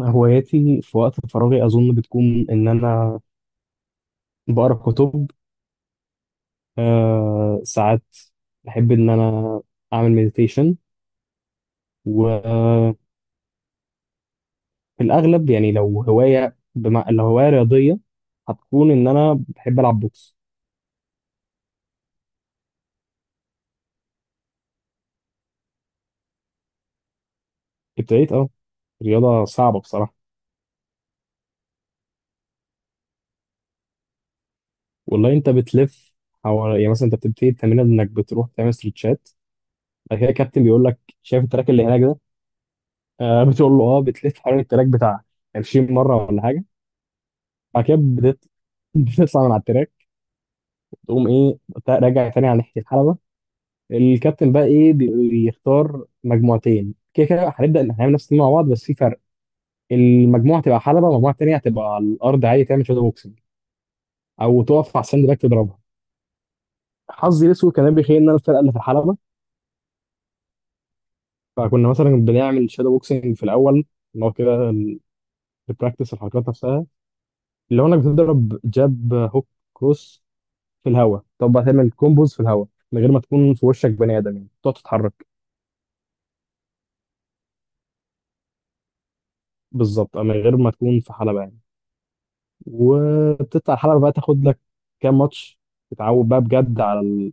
هواياتي في وقت فراغي أظن بتكون إن أنا بقرأ كتب. آه ساعات بحب إن أنا أعمل مديتيشن. وفي الأغلب يعني لو لو هواية رياضية هتكون إن أنا بحب ألعب بوكس. ابتديت أه. رياضة صعبة بصراحة. والله أنت بتلف حوالي، يعني مثلا أنت بتبتدي التمرين إنك بتروح تعمل ستريتشات. بعد كده الكابتن بيقول لك شايف التراك اللي هناك ده؟ آه بتقول له أه. بتلف حوالين التراك بتاع 20 مرة ولا حاجة. بعد كده بتطلع من على التراك، تقوم ايه، راجع تاني على ناحيه الحلبه. الكابتن بقى ايه، بيختار مجموعتين كده، كده هنبدا هنعمل نفس التيم مع بعض بس في فرق. المجموعه تبقى حلبه والمجموعه التانيه هتبقى على الارض عادي تعمل شادو بوكسنج، او تقف على الساند باك تضربها. حظي الاسود كان بيخيل ان انا الفرقه اللي في الحلبه. فكنا مثلا بنعمل شادو بوكسنج في الاول، اللي هو كده البراكتس الحركات نفسها. اللي هو انك بتضرب جاب هوك كروس في الهواء. طب بقى تعمل كومبوز في الهواء من غير ما تكون في وشك بني ادم، يعني تقعد تتحرك بالظبط، أو من غير ما تكون في حلبه يعني. وبتطلع الحلبة بقى تاخد لك كام ماتش، تتعود بقى بجد على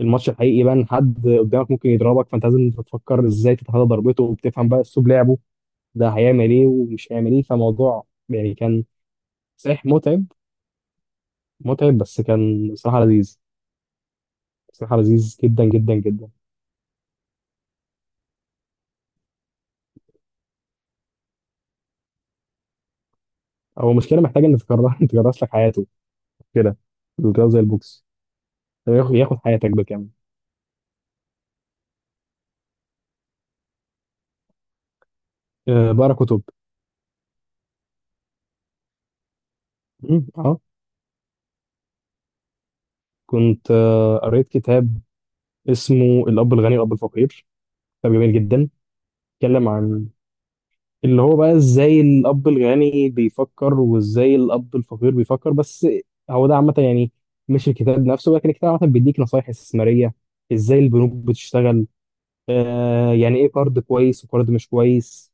الماتش الحقيقي بقى. إن حد قدامك ممكن يضربك فانت لازم تفكر ازاي تتفادى ضربته، وبتفهم بقى اسلوب لعبه ده، هيعمل ايه ومش هيعمل ايه. فموضوع يعني كان صحيح متعب. متعب بس كان بصراحة لذيذ. بصراحة لذيذ جدا جدا جدا. هو مشكلة محتاج ان تكرس لك حياته كده. الرياضة زي البوكس ياخد حياتك بالكامل. أه بقرا كتب. اه. كنت قريت كتاب اسمه الأب الغني والأب الفقير. كتاب جميل جدا. اتكلم عن اللي هو بقى ازاي الاب الغني بيفكر وازاي الاب الفقير بيفكر، بس هو ده عامه يعني. مش الكتاب نفسه لكن الكتاب عامه بيديك نصايح استثماريه، ازاي البنوك بتشتغل، آه يعني ايه قرض كويس وقرض مش كويس.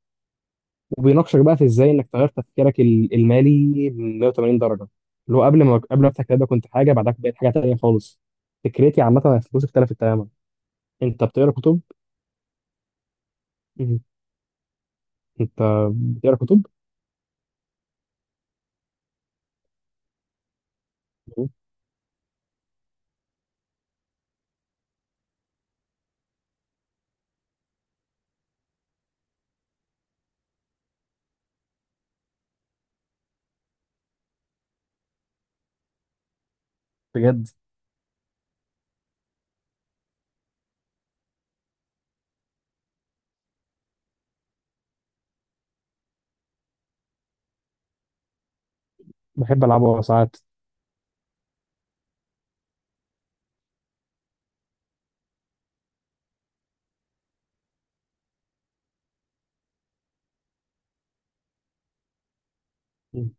وبيناقشك بقى في ازاي انك تغير تفكيرك المالي 180 درجه. اللي هو قبل ما افتح الكتاب ده كنت حاجه، بعدها بقيت حاجه تانيه خالص. فكرتي عامه عن الفلوس اختلفت تماما. انت بتقرا كتب؟ مم. انت بتقرا كتب بجد؟ بحب ألعبه ساعات. مم.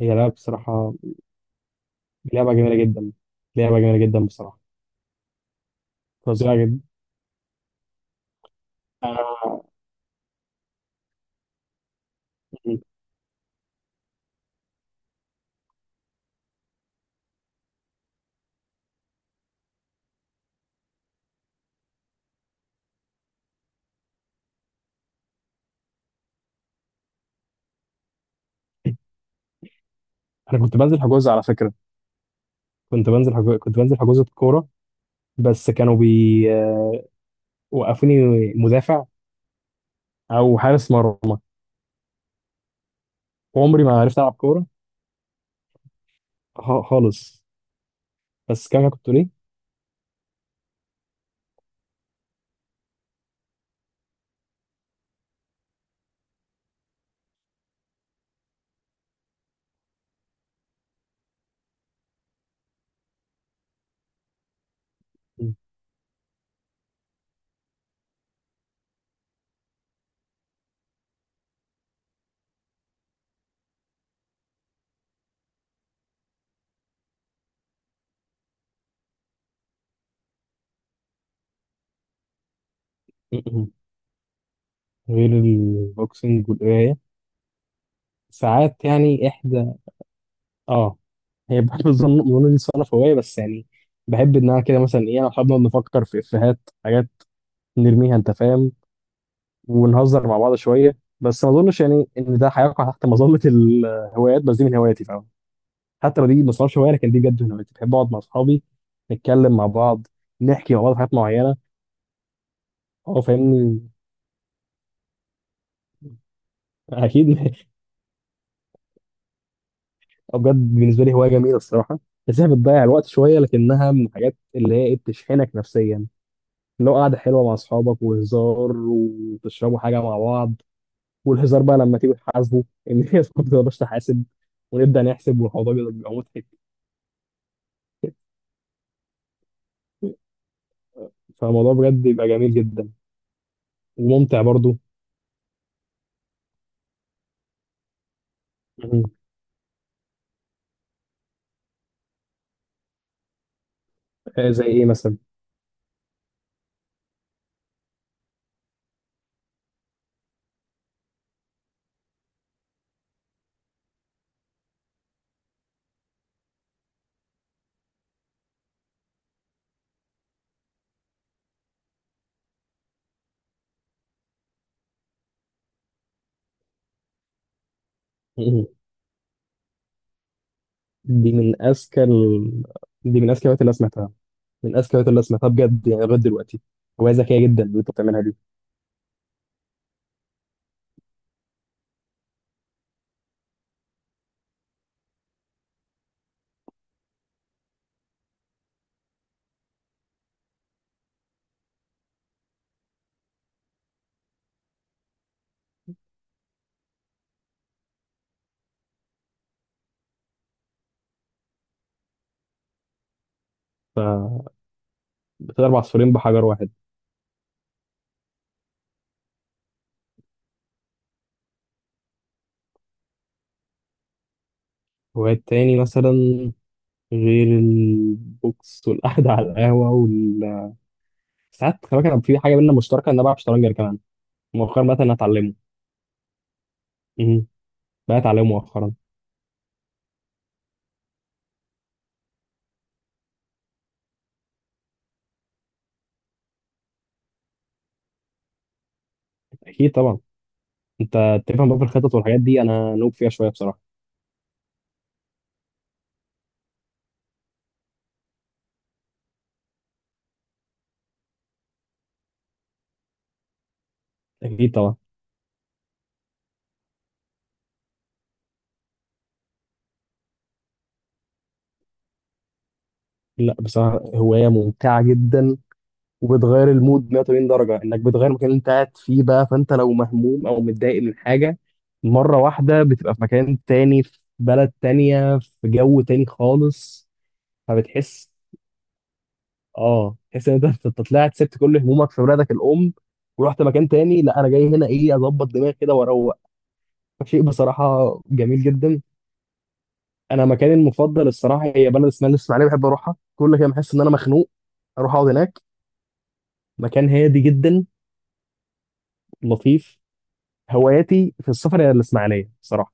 هي لعبة بصراحة، لعبة جميلة جدا. لعبة جميلة جدا بصراحة. فظيعة جدا. آه. مم. أنا كنت بنزل حجوز على فكرة. كنت بنزل حجوزة كورة، بس كانوا بي وقفوني مدافع أو حارس مرمى. عمري ما عرفت ألعب كورة خالص. بس كمان كنت ليه. م- م- غير البوكسنج والقراية. ساعات يعني إحدى آه، هي بحب الظن دي صنف هواية بس يعني. بحب إنها كده مثلا إيه، أنا وأصحابنا بنفكر في إفيهات حاجات نرميها، أنت فاهم، ونهزر مع بعض شوية. بس ما أظنش يعني إن ده هيقع تحت مظلة الهوايات، بس دي من هواياتي فاهم. حتى لو دي ما صنفش هواية لكن دي بجد من هواياتي. بحب أقعد مع أصحابي نتكلم مع بعض، نحكي مع بعض حاجات معينة. أه فاهمني. أكيد أه بجد بالنسبة لي هواية جميلة الصراحة. بس هي بتضيع الوقت شوية لكنها من الحاجات اللي هي إيه بتشحنك نفسيا. لو قعدة حلوة مع أصحابك وهزار وتشربوا حاجة مع بعض، والهزار بقى لما تيجوا تحاسبوا. إن هي ما بتقدرش تحاسب، ونبدأ نحسب والموضوع بيبقى مضحك. فالموضوع بجد بيبقى جميل جدا، وممتع برضو. مم. زي إيه مثلا؟ مم. دي من دي من أذكى الهوايات اللي أنا سمعتها. من أذكى الهوايات اللي أنا سمعتها بجد يعني لغاية دلوقتي. هواية ذكية جدا اللي أنت بتعملها دي. فبتضرب عصفورين بحجر واحد. هوايات تاني مثلا غير البوكس والقعدة على القهوة. ساعات خلي بالك انا في حاجه بينا مشتركه، ان انا بلعب شطرنج كمان. مؤخرا مثلا هتعلمه. امم، بقى اتعلمه مؤخرا. اكيد طبعا. انت تفهم بقى في الخطط والحاجات دي، انا نوب فيها شويه بصراحه. اكيد طبعا. لا بصراحه هوايه ممتعه جدا، وبتغير المود 180 درجه. انك بتغير المكان اللي انت قاعد فيه بقى، فانت لو مهموم او متضايق من حاجه، مره واحده بتبقى في مكان تاني، في بلد تانية، في جو تاني خالص. فبتحس، اه تحس ان انت طلعت سبت كل همومك في بلادك الام، ورحت مكان تاني. لا انا جاي هنا ايه اظبط دماغي كده واروق. شيء بصراحه جميل جدا. انا مكاني المفضل الصراحه هي بلد اسمها الاسماعيليه. بحب اروحها كل كده بحس ان انا مخنوق اروح اقعد هناك. مكان هادي جدا، لطيف. هواياتي في السفر هي الاسماعيليه صراحه.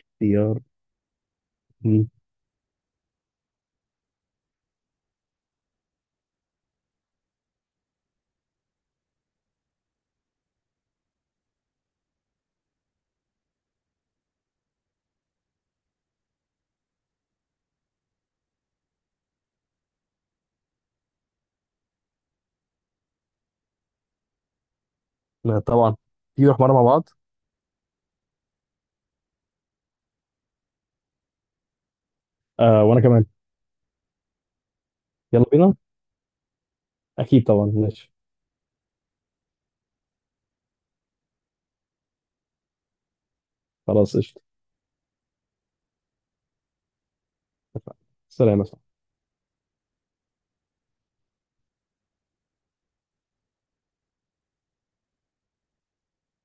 اختيار. مم. لا طبعا. تيجي نروح مره مع بعض. آه وانا كمان. يلا بينا، اكيد طبعا، ماشي. خلاص قشطه. اتفقنا. سلام يا صاحبي.